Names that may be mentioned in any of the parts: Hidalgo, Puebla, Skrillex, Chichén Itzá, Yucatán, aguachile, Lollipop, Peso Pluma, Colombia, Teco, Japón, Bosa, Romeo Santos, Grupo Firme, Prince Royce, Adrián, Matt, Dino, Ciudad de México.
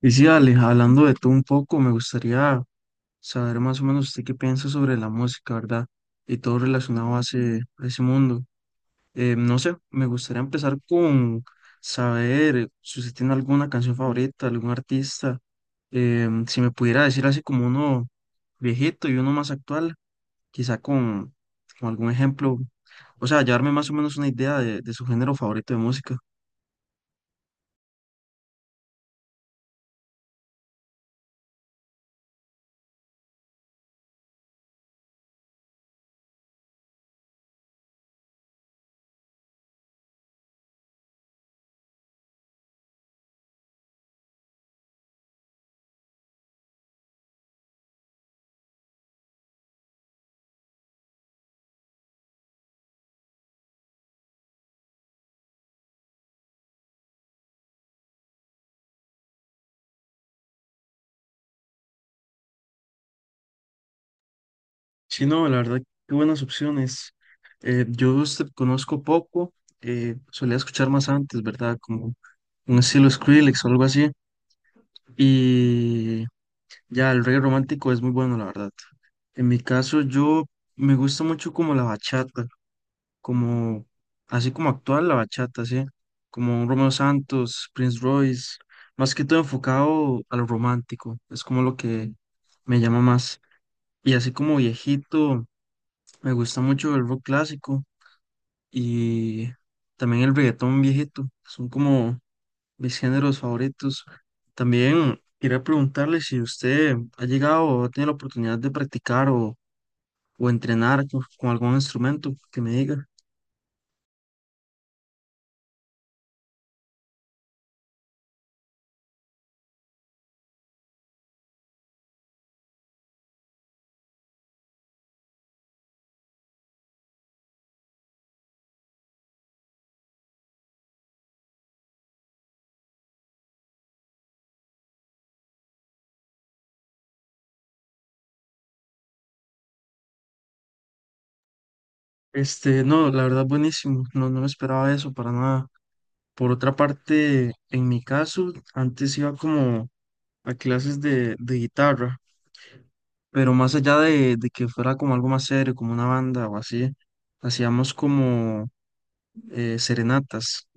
Y sí, Ale, hablando de tú un poco, me gustaría saber más o menos usted qué piensa sobre la música, ¿verdad? Y todo relacionado a ese mundo. No sé, me gustaría empezar con saber si usted tiene alguna canción favorita, algún artista. Si me pudiera decir así como uno viejito y uno más actual, quizá con algún ejemplo, o sea, llevarme más o menos una idea de su género favorito de música. Sí, no, la verdad, qué buenas opciones. Yo de usted conozco poco, solía escuchar más antes, ¿verdad? Como un estilo Skrillex o algo así. Y ya, el reggae romántico es muy bueno, la verdad. En mi caso, yo me gusta mucho como la bachata, como así como actual la bachata, ¿sí? Como un Romeo Santos, Prince Royce, más que todo enfocado a lo romántico, es como lo que me llama más. Y así como viejito. Me gusta mucho el rock clásico y también el reggaetón viejito. Son como mis géneros favoritos. También quería preguntarle si usted ha llegado o ha tenido la oportunidad de practicar o entrenar con algún instrumento que me diga. Este, no, la verdad buenísimo, no, no me esperaba eso para nada. Por otra parte, en mi caso, antes iba como a clases de guitarra, pero más allá de que fuera como algo más serio, como una banda o así, hacíamos como serenatas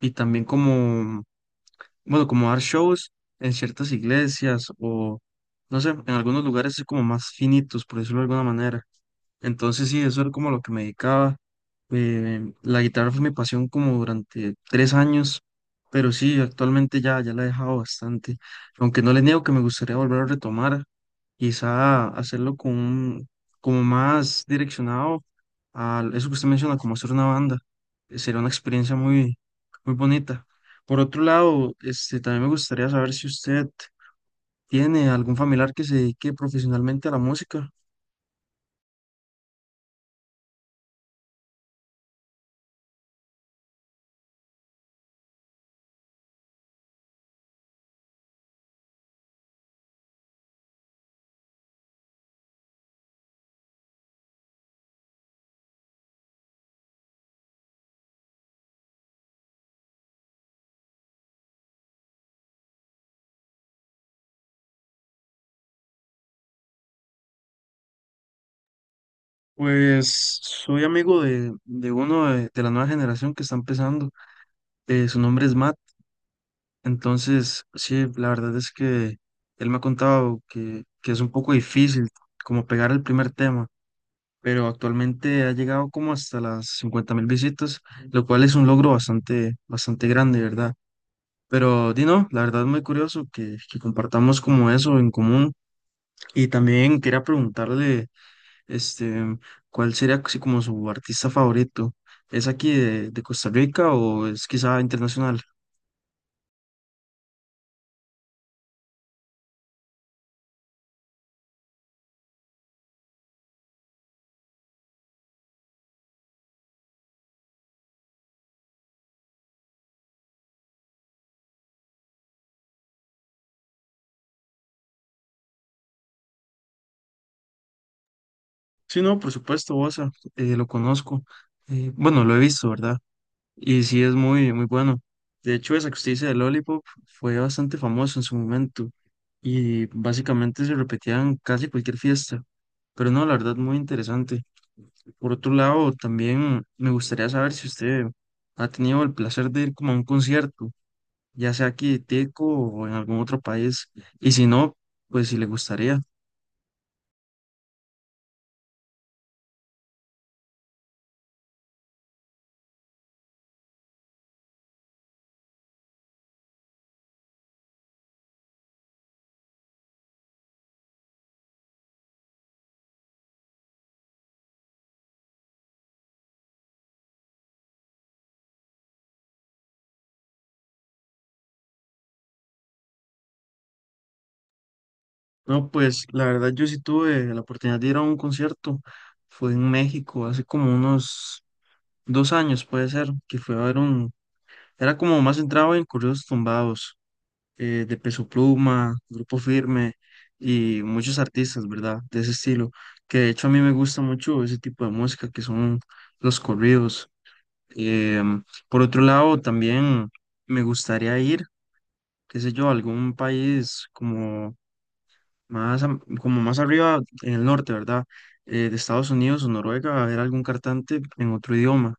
y también como, bueno, como dar shows en ciertas iglesias o, no sé, en algunos lugares así como más finitos, por decirlo de alguna manera. Entonces sí, eso era como lo que me dedicaba. La guitarra fue mi pasión como durante 3 años, pero sí, actualmente ya la he dejado bastante. Aunque no les niego que me gustaría volver a retomar, quizá como más direccionado a eso que usted menciona, como hacer una banda. Sería una experiencia muy bonita. Por otro lado, este, también me gustaría saber si usted tiene algún familiar que se dedique profesionalmente a la música. Pues soy amigo de la nueva generación que está empezando. Su nombre es Matt. Entonces, sí, la verdad es que él me ha contado que es un poco difícil como pegar el primer tema, pero actualmente ha llegado como hasta las 50.000 visitas, lo cual es un logro bastante grande, ¿verdad? Pero Dino, la verdad es muy curioso que compartamos como eso en común. Y también quería preguntarle este, ¿cuál sería así como su artista favorito? ¿Es aquí de Costa Rica o es quizá internacional? Sí, no, por supuesto, Bosa, lo conozco. Bueno, lo he visto, ¿verdad? Y sí es muy bueno. De hecho, esa que usted dice de Lollipop fue bastante famoso en su momento y básicamente se repetían casi cualquier fiesta. Pero no, la verdad, muy interesante. Por otro lado, también me gustaría saber si usted ha tenido el placer de ir como a un concierto, ya sea aquí de Teco o en algún otro país. Y si no, pues si le gustaría. No, pues la verdad yo sí tuve la oportunidad de ir a un concierto. Fue en México hace como unos 2 años, puede ser, que fue a ver un... Era como más centrado en corridos tumbados, de Peso Pluma, Grupo Firme y muchos artistas, ¿verdad? De ese estilo. Que de hecho a mí me gusta mucho ese tipo de música que son los corridos. Em, por otro lado, también me gustaría ir qué sé yo, algún país como como más arriba en el norte, ¿verdad? De Estados Unidos o Noruega, a ver algún cantante en otro idioma.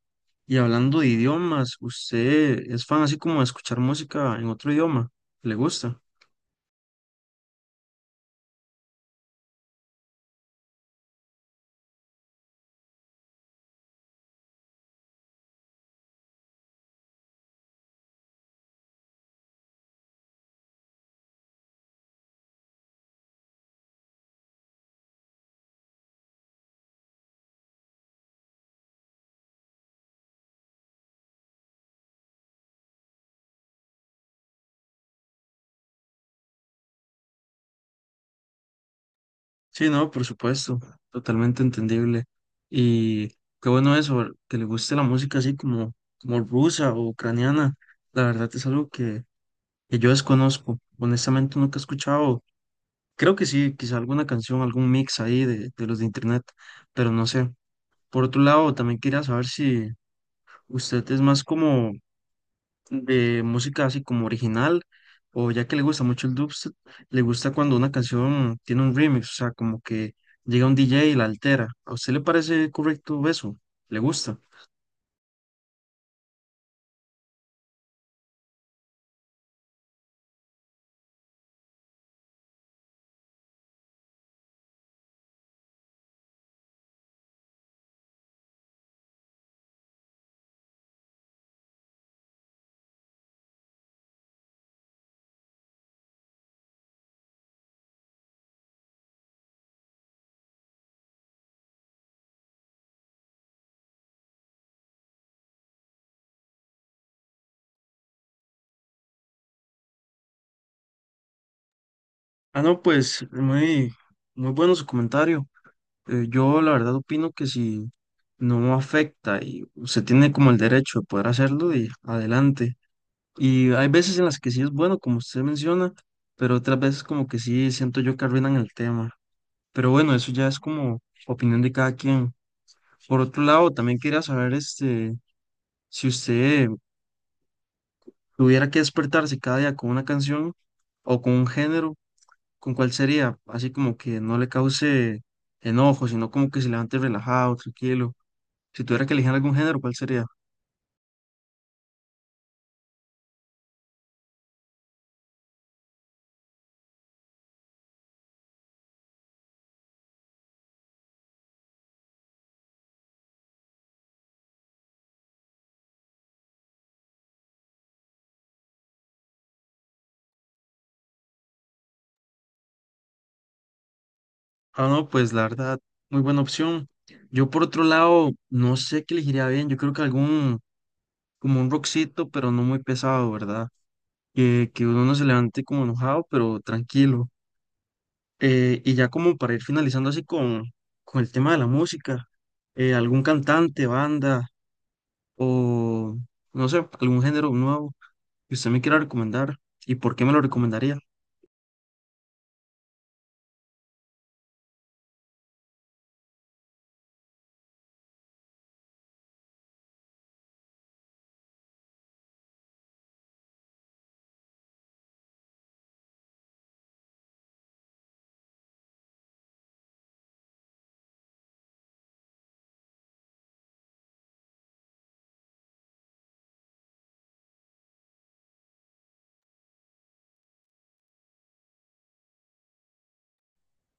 Y hablando de idiomas, ¿usted es fan así como de escuchar música en otro idioma? ¿Le gusta? Sí, no, por supuesto, totalmente entendible. Y qué bueno eso, que le guste la música así como rusa o ucraniana. La verdad es algo que yo desconozco. Honestamente nunca he escuchado. Creo que sí, quizá alguna canción, algún mix ahí de los de internet, pero no sé. Por otro lado, también quería saber si usted es más como de música así como original, o ya que le gusta mucho el dubstep, le gusta cuando una canción tiene un remix, o sea, como que llega un DJ y la altera. ¿A usted le parece correcto eso? ¿Le gusta? Ah, no, pues muy bueno su comentario. Yo la verdad opino que si no afecta y usted tiene como el derecho de poder hacerlo y adelante. Y hay veces en las que sí es bueno, como usted menciona, pero otras veces como que sí siento yo que arruinan el tema. Pero bueno, eso ya es como opinión de cada quien. Por otro lado, también quería saber este, si usted tuviera que despertarse cada día con una canción o con un género, ¿con cuál sería? Así como que no le cause enojo, sino como que se levante relajado, tranquilo. Si tuviera que elegir algún género, ¿cuál sería? Ah, no, pues la verdad, muy buena opción. Yo por otro lado, no sé qué elegiría bien. Yo creo que algún como un rockcito, pero no muy pesado, ¿verdad? Que uno no se levante como enojado, pero tranquilo. Y ya como para ir finalizando así con el tema de la música, algún cantante, banda o no sé, algún género nuevo que usted me quiera recomendar y por qué me lo recomendaría.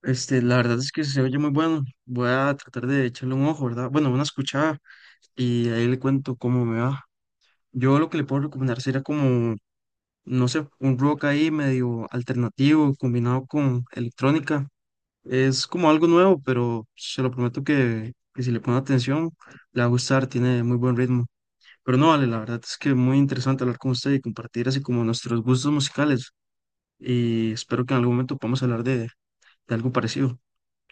Este, la verdad es que se oye muy bueno. Voy a tratar de echarle un ojo, ¿verdad? Bueno, una escuchada y ahí le cuento cómo me va. Yo lo que le puedo recomendar sería como no sé, un rock ahí medio alternativo combinado con electrónica. Es como algo nuevo, pero se lo prometo que si le pone atención, le va a gustar, tiene muy buen ritmo. Pero no, vale, la verdad es que muy interesante hablar con usted y compartir así como nuestros gustos musicales. Y espero que en algún momento podamos hablar de algo parecido.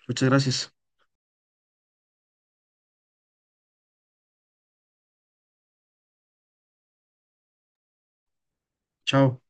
Muchas gracias. Chao.